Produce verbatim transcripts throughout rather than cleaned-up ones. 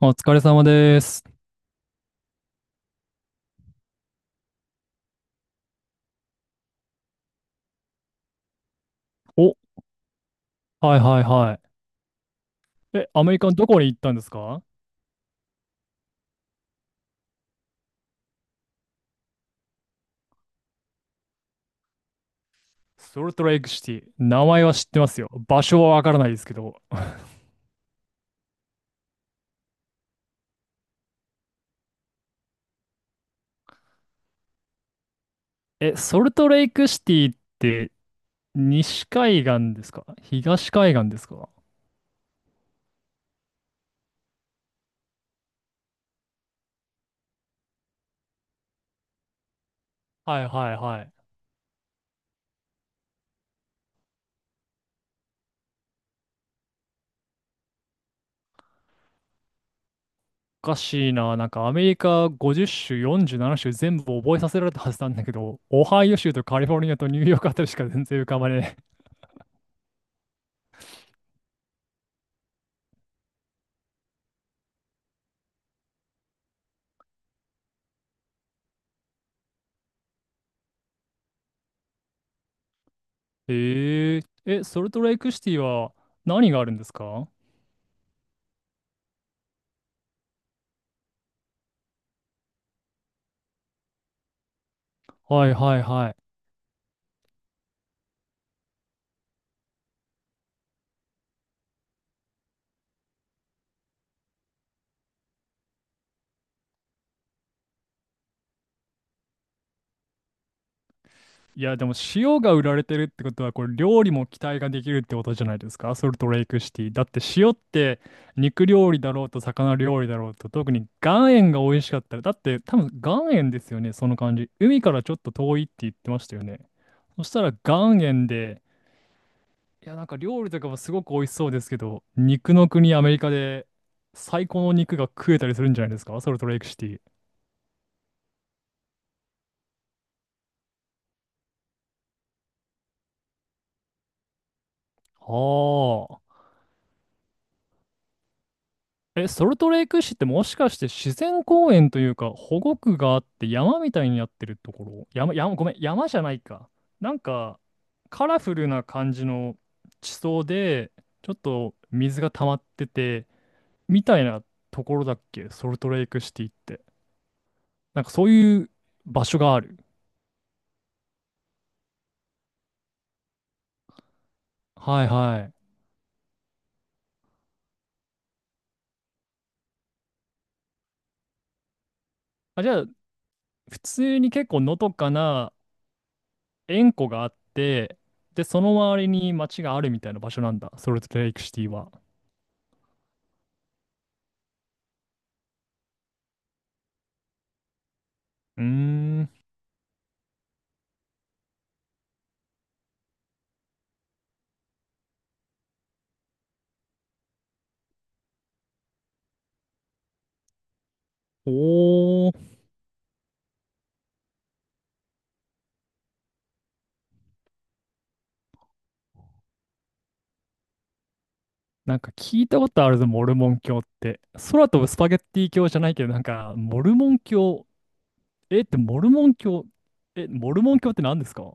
お疲れ様です。お、はいはいはい。え、アメリカのどこに行ったんですか？ソルトレイクシティ。名前は知ってますよ。場所はわからないですけど。え、ソルトレイクシティって西海岸ですか、東海岸ですか？はいはいはい。おかしいな。なんかアメリカごじゅっ州、よんじゅうなな州全部覚えさせられたはずなんだけど、オハイオ州とカリフォルニアとニューヨークあたりしか全然浮かばねえ。えー、え、ソルトレイクシティは何があるんですか？はいはいはい。いや、でも塩が売られてるってことは、これ料理も期待ができるってことじゃないですか、ソルトレイクシティ。だって塩って肉料理だろうと魚料理だろうと、特に岩塩が美味しかったら、だって多分岩塩ですよね、その感じ。海からちょっと遠いって言ってましたよね。そしたら岩塩で、いや、なんか料理とかもすごく美味しそうですけど、肉の国アメリカで最高の肉が食えたりするんじゃないですか、ソルトレイクシティ。はあ。え、ソルトレイク市ってもしかして自然公園というか保護区があって山みたいになってるところ、山、山、ごめん、山じゃないか。なんかカラフルな感じの地層でちょっと水が溜まっててみたいなところだっけ、ソルトレイクシティって。なんかそういう場所がある。はいはい。あ、じゃあ普通に結構のどかな塩湖があって、でその周りに町があるみたいな場所なんだ、ソルトレイクシティは。うーん。おー、なんか聞いたことあるぞ、モルモン教って。空飛ぶスパゲッティ教じゃないけど、なんか、モルモン教、えってモルモン教、え、モルモン教って何ですか？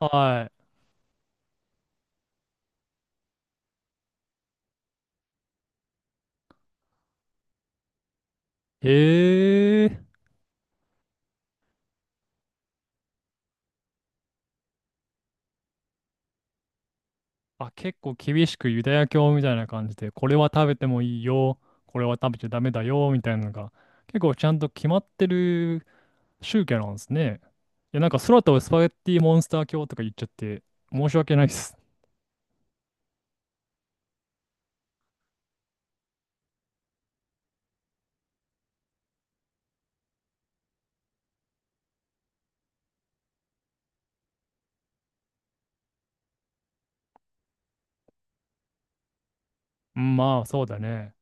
はい。へー。あ、結構厳しくユダヤ教みたいな感じで、これは食べてもいいよ、これは食べちゃダメだよ、みたいなのが、結構ちゃんと決まってる宗教なんですね。いや、なんか空飛ぶスパゲッティモンスター教とか言っちゃって、申し訳ないです。うん、まあ、そうだね。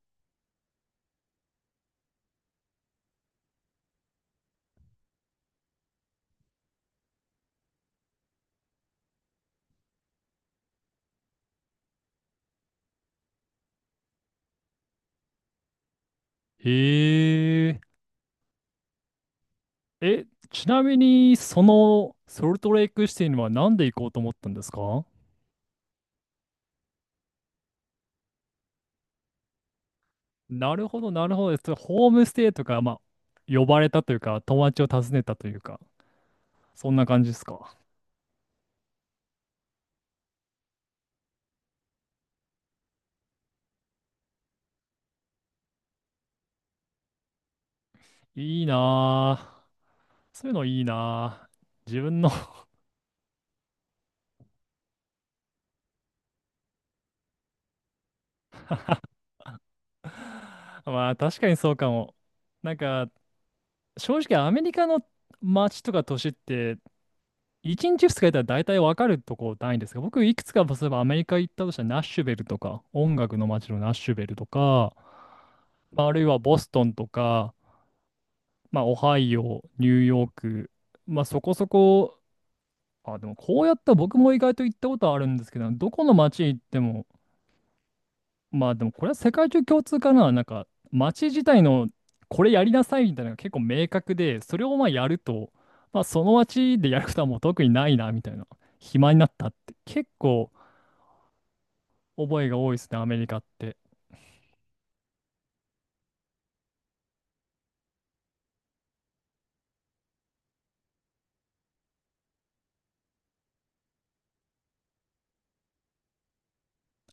へえ。え、ちなみに、そのソルトレイクシティにはなんで行こうと思ったんですか？なるほど、なるほど。それホームステイとか、まあ、呼ばれたというか、友達を訪ねたというか、そんな感じですか。いいなぁ。そういうのいいなぁ。自分の まあ、確かにそうかも。なんか、正直、アメリカの街とか都市って、いちにちふつかやったら大体わかるとこないんですが、僕いくつか、例えばアメリカ行ったとしたらナッシュベルとか、音楽の街のナッシュベルとか、まあ、あるいはボストンとか、まあ、オハイオ、ニューヨーク、まあ、そこそこ、あ、でもこうやったら僕も意外と行ったことあるんですけど、どこの街行っても、まあでもこれは世界中共通かな。なんか街自体のこれやりなさいみたいなのが結構明確で、それをまあやると、まあその街でやることはもう特にないなみたいな。暇になったって結構覚えが多いですね、アメリカって。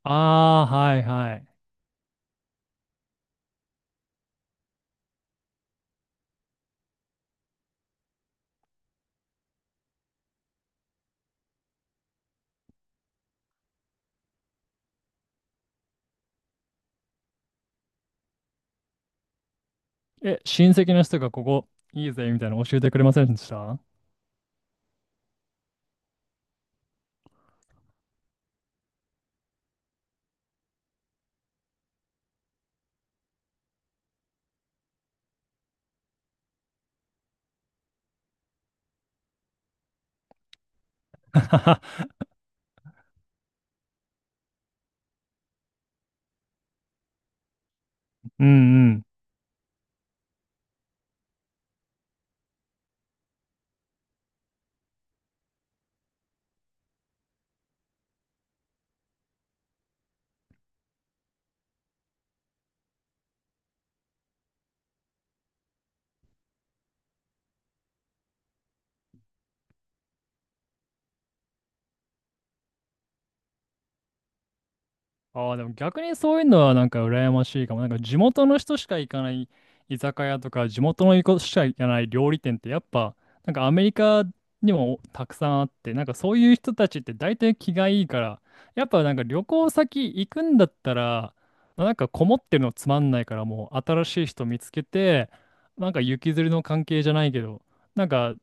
ああ、はいはい。え、親戚の人がここいいぜみたいなの教えてくれませんでした？ うんうん、ああ、でも逆にそういうのはなんか羨ましいかも。なんか地元の人しか行かない居酒屋とか、地元の人しか行かない料理店ってやっぱ、なんかアメリカにもたくさんあって、なんかそういう人たちって大体気がいいから、やっぱなんか旅行先行くんだったら、まあなんかこもってるのつまんないからもう新しい人見つけて、なんか行きずりの関係じゃないけど、なんか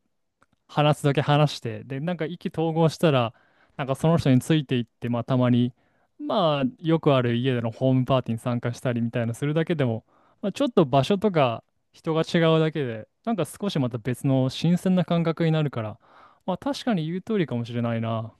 話すだけ話して、で、なんか意気投合したら、なんかその人についていって、まあたまに、まあよくある家でのホームパーティーに参加したりみたいなするだけでも、まあ、ちょっと場所とか人が違うだけで、なんか少しまた別の新鮮な感覚になるから、まあ確かに言う通りかもしれないな。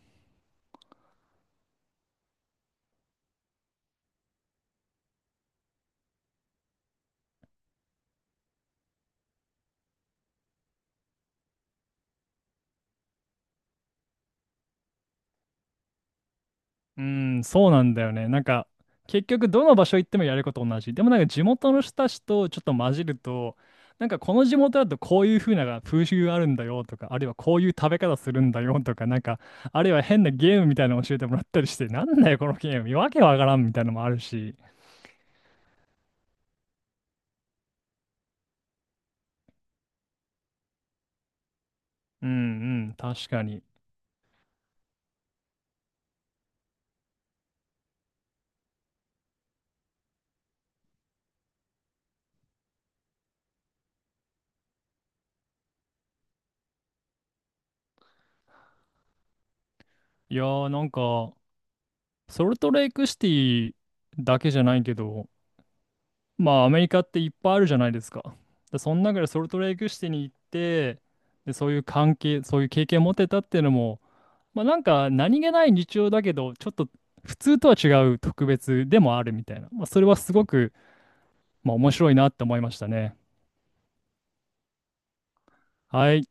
うん、そうなんだよね。なんか、結局どの場所行ってもやること同じ。でもなんか地元の人たちとちょっと混じると、なんかこの地元だとこういう風な風習があるんだよとか、あるいはこういう食べ方するんだよとか、なんか、あるいは変なゲームみたいなの教えてもらったりして、なんだよこのゲーム、わけわからんみたいなのもあるし。うんうん、確かに。いやーなんか、ソルトレイクシティだけじゃないけど、まあアメリカっていっぱいあるじゃないですか。で、その中でソルトレイクシティに行って、で、そういう関係、そういう経験を持てたっていうのも、まあなんか何気ない日常だけど、ちょっと普通とは違う特別でもあるみたいな。まあそれはすごく、まあ、面白いなって思いましたね。はい。